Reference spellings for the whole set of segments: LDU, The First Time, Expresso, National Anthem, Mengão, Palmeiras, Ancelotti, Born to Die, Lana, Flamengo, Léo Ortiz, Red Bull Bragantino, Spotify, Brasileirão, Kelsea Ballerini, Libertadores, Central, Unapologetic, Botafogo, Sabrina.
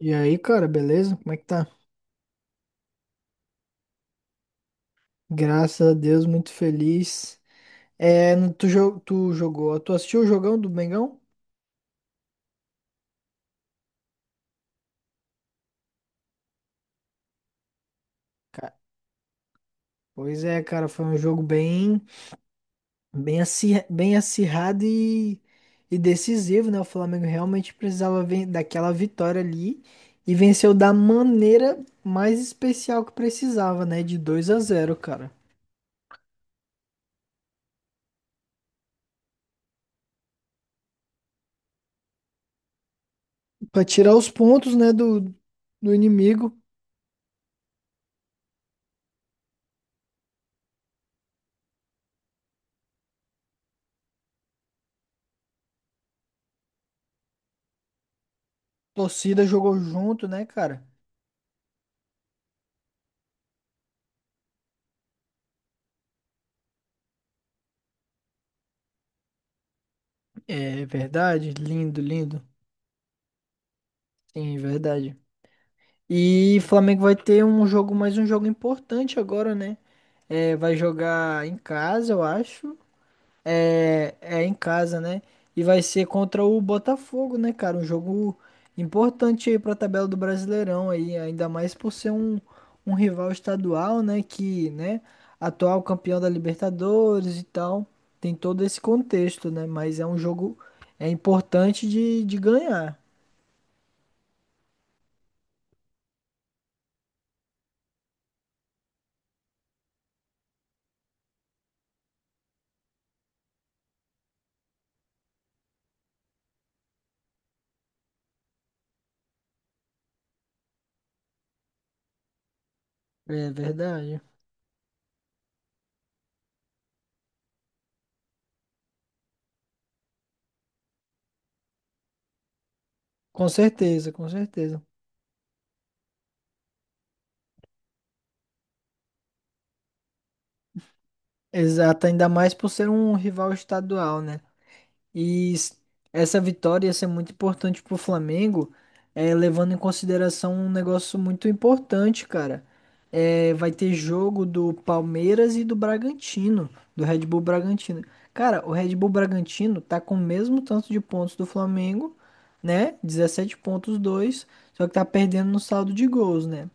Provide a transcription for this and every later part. E aí, cara, beleza? Como é que tá? Graças a Deus, muito feliz. É, no- tu, jo- tu jogou, tu assistiu o jogão do Mengão? Ca- Pois é, cara, foi um jogo bem acirrado e decisivo, né? O Flamengo realmente precisava daquela vitória ali e venceu da maneira mais especial que precisava, né? De 2 a 0, cara. Pra tirar os pontos, né, do inimigo. Torcida jogou junto, né, cara? É verdade, lindo, lindo. Sim, é verdade. E Flamengo vai ter um jogo, mais um jogo importante agora, né? É, vai jogar em casa, eu acho. É, é em casa, né? E vai ser contra o Botafogo, né, cara? Um jogo importante aí pra tabela do Brasileirão aí, ainda mais por ser um rival estadual, né? Que, né, atual campeão da Libertadores e tal. Tem todo esse contexto, né? Mas é um jogo, é importante de ganhar. É verdade. Com certeza, com certeza. Exato, ainda mais por ser um rival estadual, né? E essa vitória ia ser muito importante pro Flamengo, levando em consideração um negócio muito importante, cara. É, vai ter jogo do Palmeiras e do Bragantino, do Red Bull Bragantino. Cara, o Red Bull Bragantino tá com o mesmo tanto de pontos do Flamengo, né? 17 pontos, 2, só que tá perdendo no saldo de gols, né?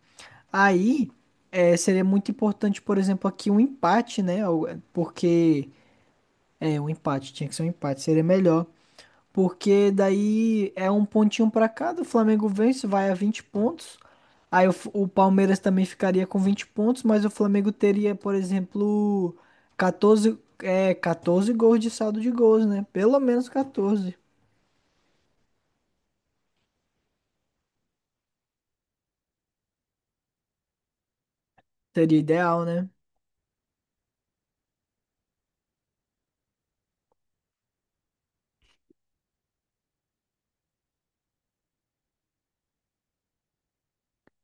Aí seria muito importante, por exemplo, aqui um empate, né? Porque é um empate, tinha que ser um empate, seria melhor. Porque daí é um pontinho pra cada, o Flamengo vence, vai a 20 pontos. Aí o Palmeiras também ficaria com 20 pontos, mas o Flamengo teria, por exemplo, 14 gols de saldo de gols, né? Pelo menos 14. Seria ideal, né?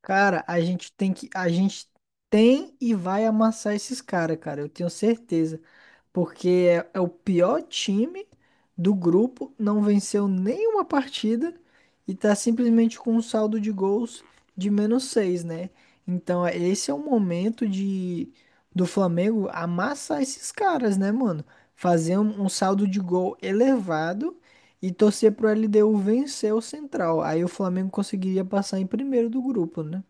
Cara, a gente tem e vai amassar esses caras, cara, eu tenho certeza. Porque é o pior time do grupo, não venceu nenhuma partida e tá simplesmente com um saldo de gols de -6, né? Então, esse é o momento de do Flamengo amassar esses caras, né, mano? Fazer um saldo de gol elevado e torcer pro LDU vencer o Central. Aí o Flamengo conseguiria passar em primeiro do grupo, né?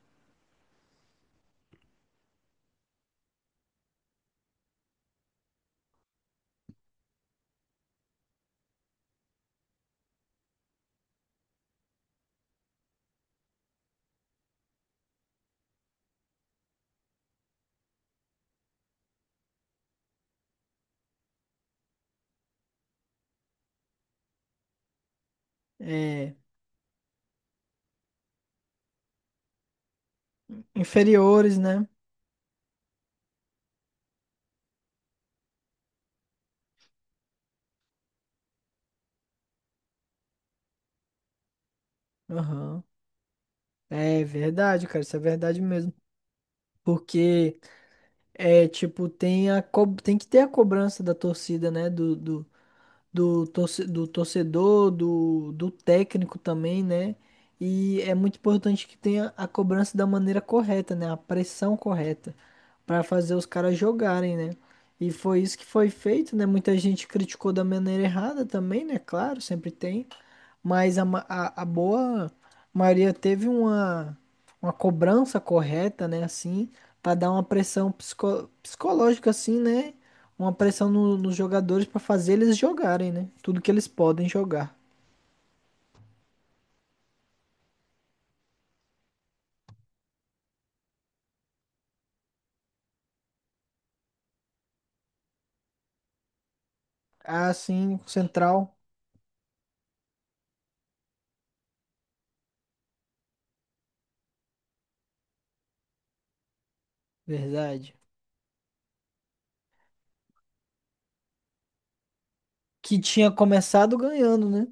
É, inferiores, né? Aham. É verdade, cara, isso é verdade mesmo. Porque é tipo, tem que ter a cobrança da torcida, né? Do torcedor, do técnico também, né? E é muito importante que tenha a cobrança da maneira correta, né? A pressão correta para fazer os caras jogarem, né? E foi isso que foi feito, né? Muita gente criticou da maneira errada também, né? Claro, sempre tem. Mas a boa maioria teve uma cobrança correta, né? Assim, para dar uma pressão psicológica, assim, né? Uma pressão nos jogadores para fazer eles jogarem, né? Tudo que eles podem jogar. Ah, sim, o Central, verdade. Que tinha começado ganhando, né?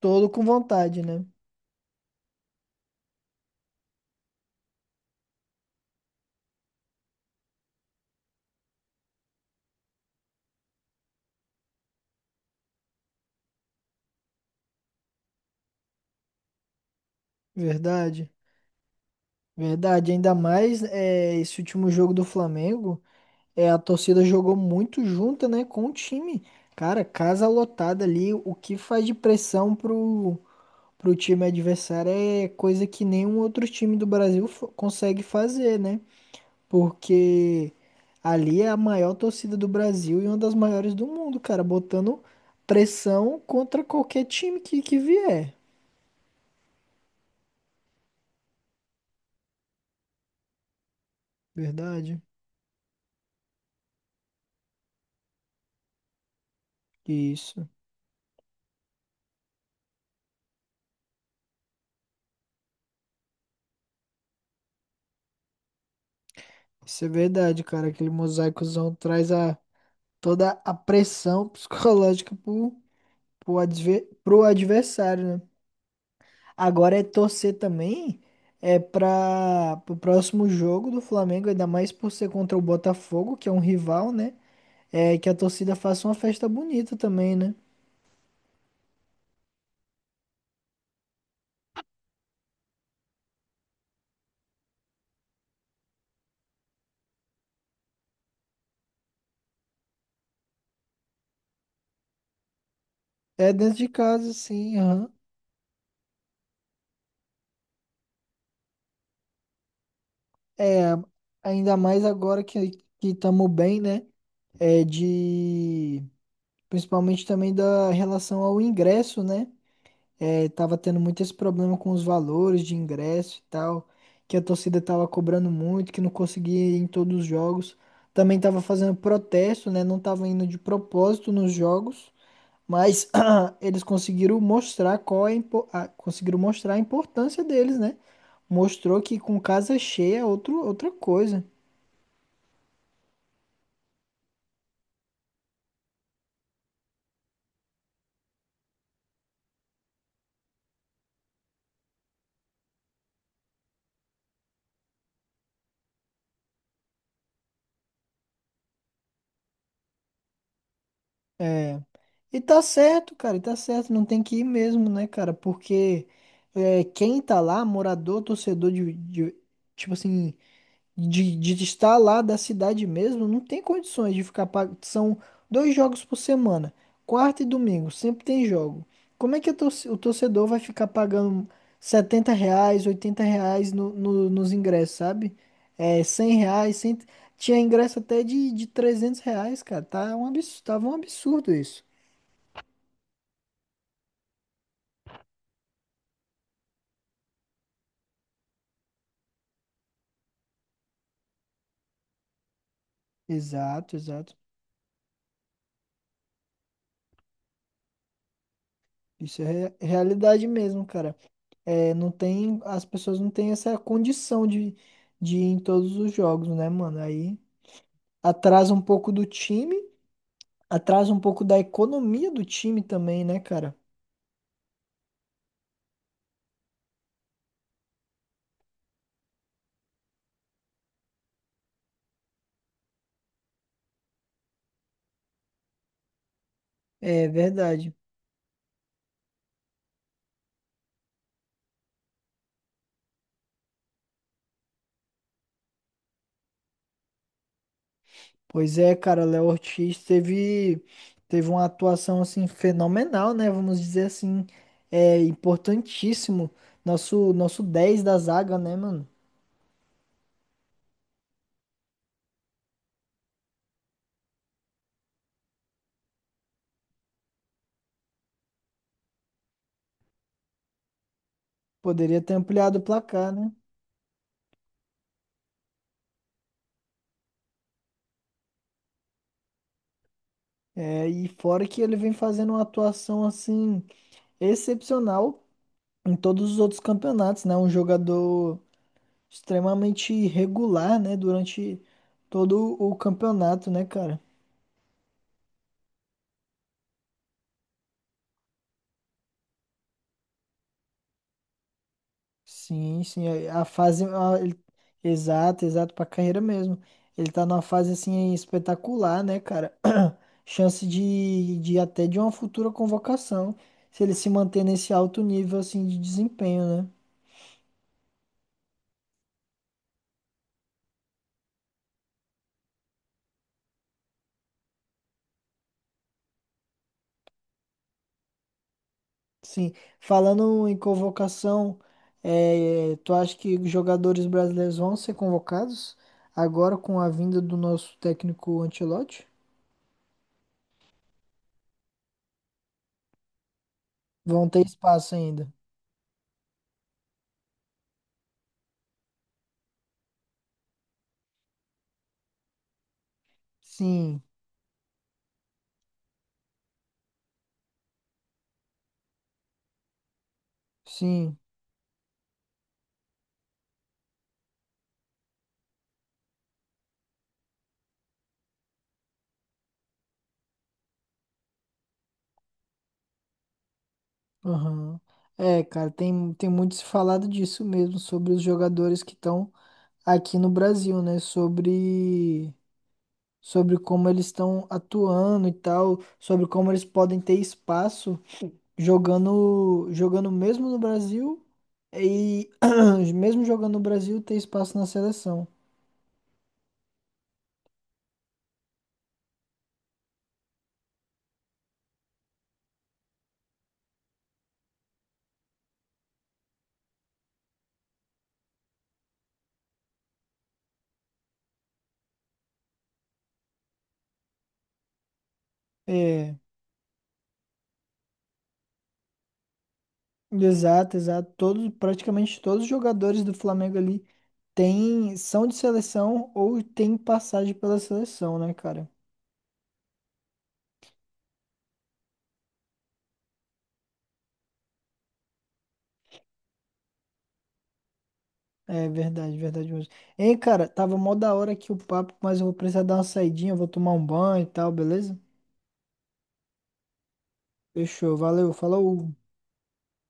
Todo com vontade, né? Verdade, verdade. Ainda mais esse último jogo do Flamengo, a torcida jogou muito junta, né? Com o time. Cara, casa lotada ali, o que faz de pressão pro time adversário é coisa que nenhum outro time do Brasil consegue fazer, né? Porque ali é a maior torcida do Brasil e uma das maiores do mundo, cara, botando pressão contra qualquer time que vier. Verdade. Isso. Isso é verdade, cara. Aquele mosaicozão traz toda a pressão psicológica pro adversário, né? Agora é torcer também, é para o próximo jogo do Flamengo, ainda mais por ser contra o Botafogo, que é um rival, né? É que a torcida faça uma festa bonita também, né? É dentro de casa, sim, aham. É, ainda mais agora que estamos bem, né? É de principalmente também da relação ao ingresso, né? É, tava tendo muito esse problema com os valores de ingresso e tal, que a torcida tava cobrando muito, que não conseguia ir em todos os jogos. Também tava fazendo protesto, né? Não tava indo de propósito nos jogos. Mas eles conseguiram mostrar qual é, conseguiram mostrar a importância deles, né? Mostrou que com casa cheia é outra coisa. É. E tá certo, cara, e tá certo, não tem que ir mesmo, né, cara? Porque quem tá lá, morador, torcedor tipo assim, de estar lá da cidade mesmo, não tem condições de ficar pag... São dois jogos por semana, quarta e domingo, sempre tem jogo. Como é que o torcedor vai ficar pagando 70 reais, 80 reais nos ingressos, sabe? É, 100 reais, 100... tinha ingresso até de 300 reais, cara. Tá um absurdo, tava um absurdo isso. Exato, exato. Isso é realidade mesmo, cara. É, não tem, as pessoas não têm essa condição de ir em todos os jogos, né, mano? Aí atrasa um pouco do time, atrasa um pouco da economia do time também, né, cara? É verdade. Pois é, cara, Léo Ortiz teve uma atuação assim fenomenal, né? Vamos dizer assim, é importantíssimo. Nosso 10 da zaga, né, mano? Poderia ter ampliado o placar, né? É, e fora que ele vem fazendo uma atuação assim excepcional em todos os outros campeonatos, né? Um jogador extremamente regular, né? Durante todo o campeonato, né, cara? Sim, sim. A fase. Exato, exato, pra carreira mesmo. Ele tá numa fase assim espetacular, né, cara? Chance de até de uma futura convocação, se ele se manter nesse alto nível assim de desempenho, né? Sim, falando em convocação, tu acha que os jogadores brasileiros vão ser convocados agora com a vinda do nosso técnico Ancelotti? Vão ter espaço ainda? Sim, sim, aham. É, cara, tem muito se falado disso mesmo, sobre os jogadores que estão aqui no Brasil, né? Sobre como eles estão atuando e tal, sobre como eles podem ter espaço jogando, jogando mesmo no Brasil e mesmo jogando no Brasil ter espaço na seleção. É, exato, exato. Todos, praticamente todos os jogadores do Flamengo ali têm, são de seleção ou têm passagem pela seleção, né, cara? É verdade, verdade mesmo. Hein, cara, tava mó da hora aqui o papo, mas eu vou precisar dar uma saidinha, eu vou tomar um banho e tal, beleza? Fechou, valeu, falou.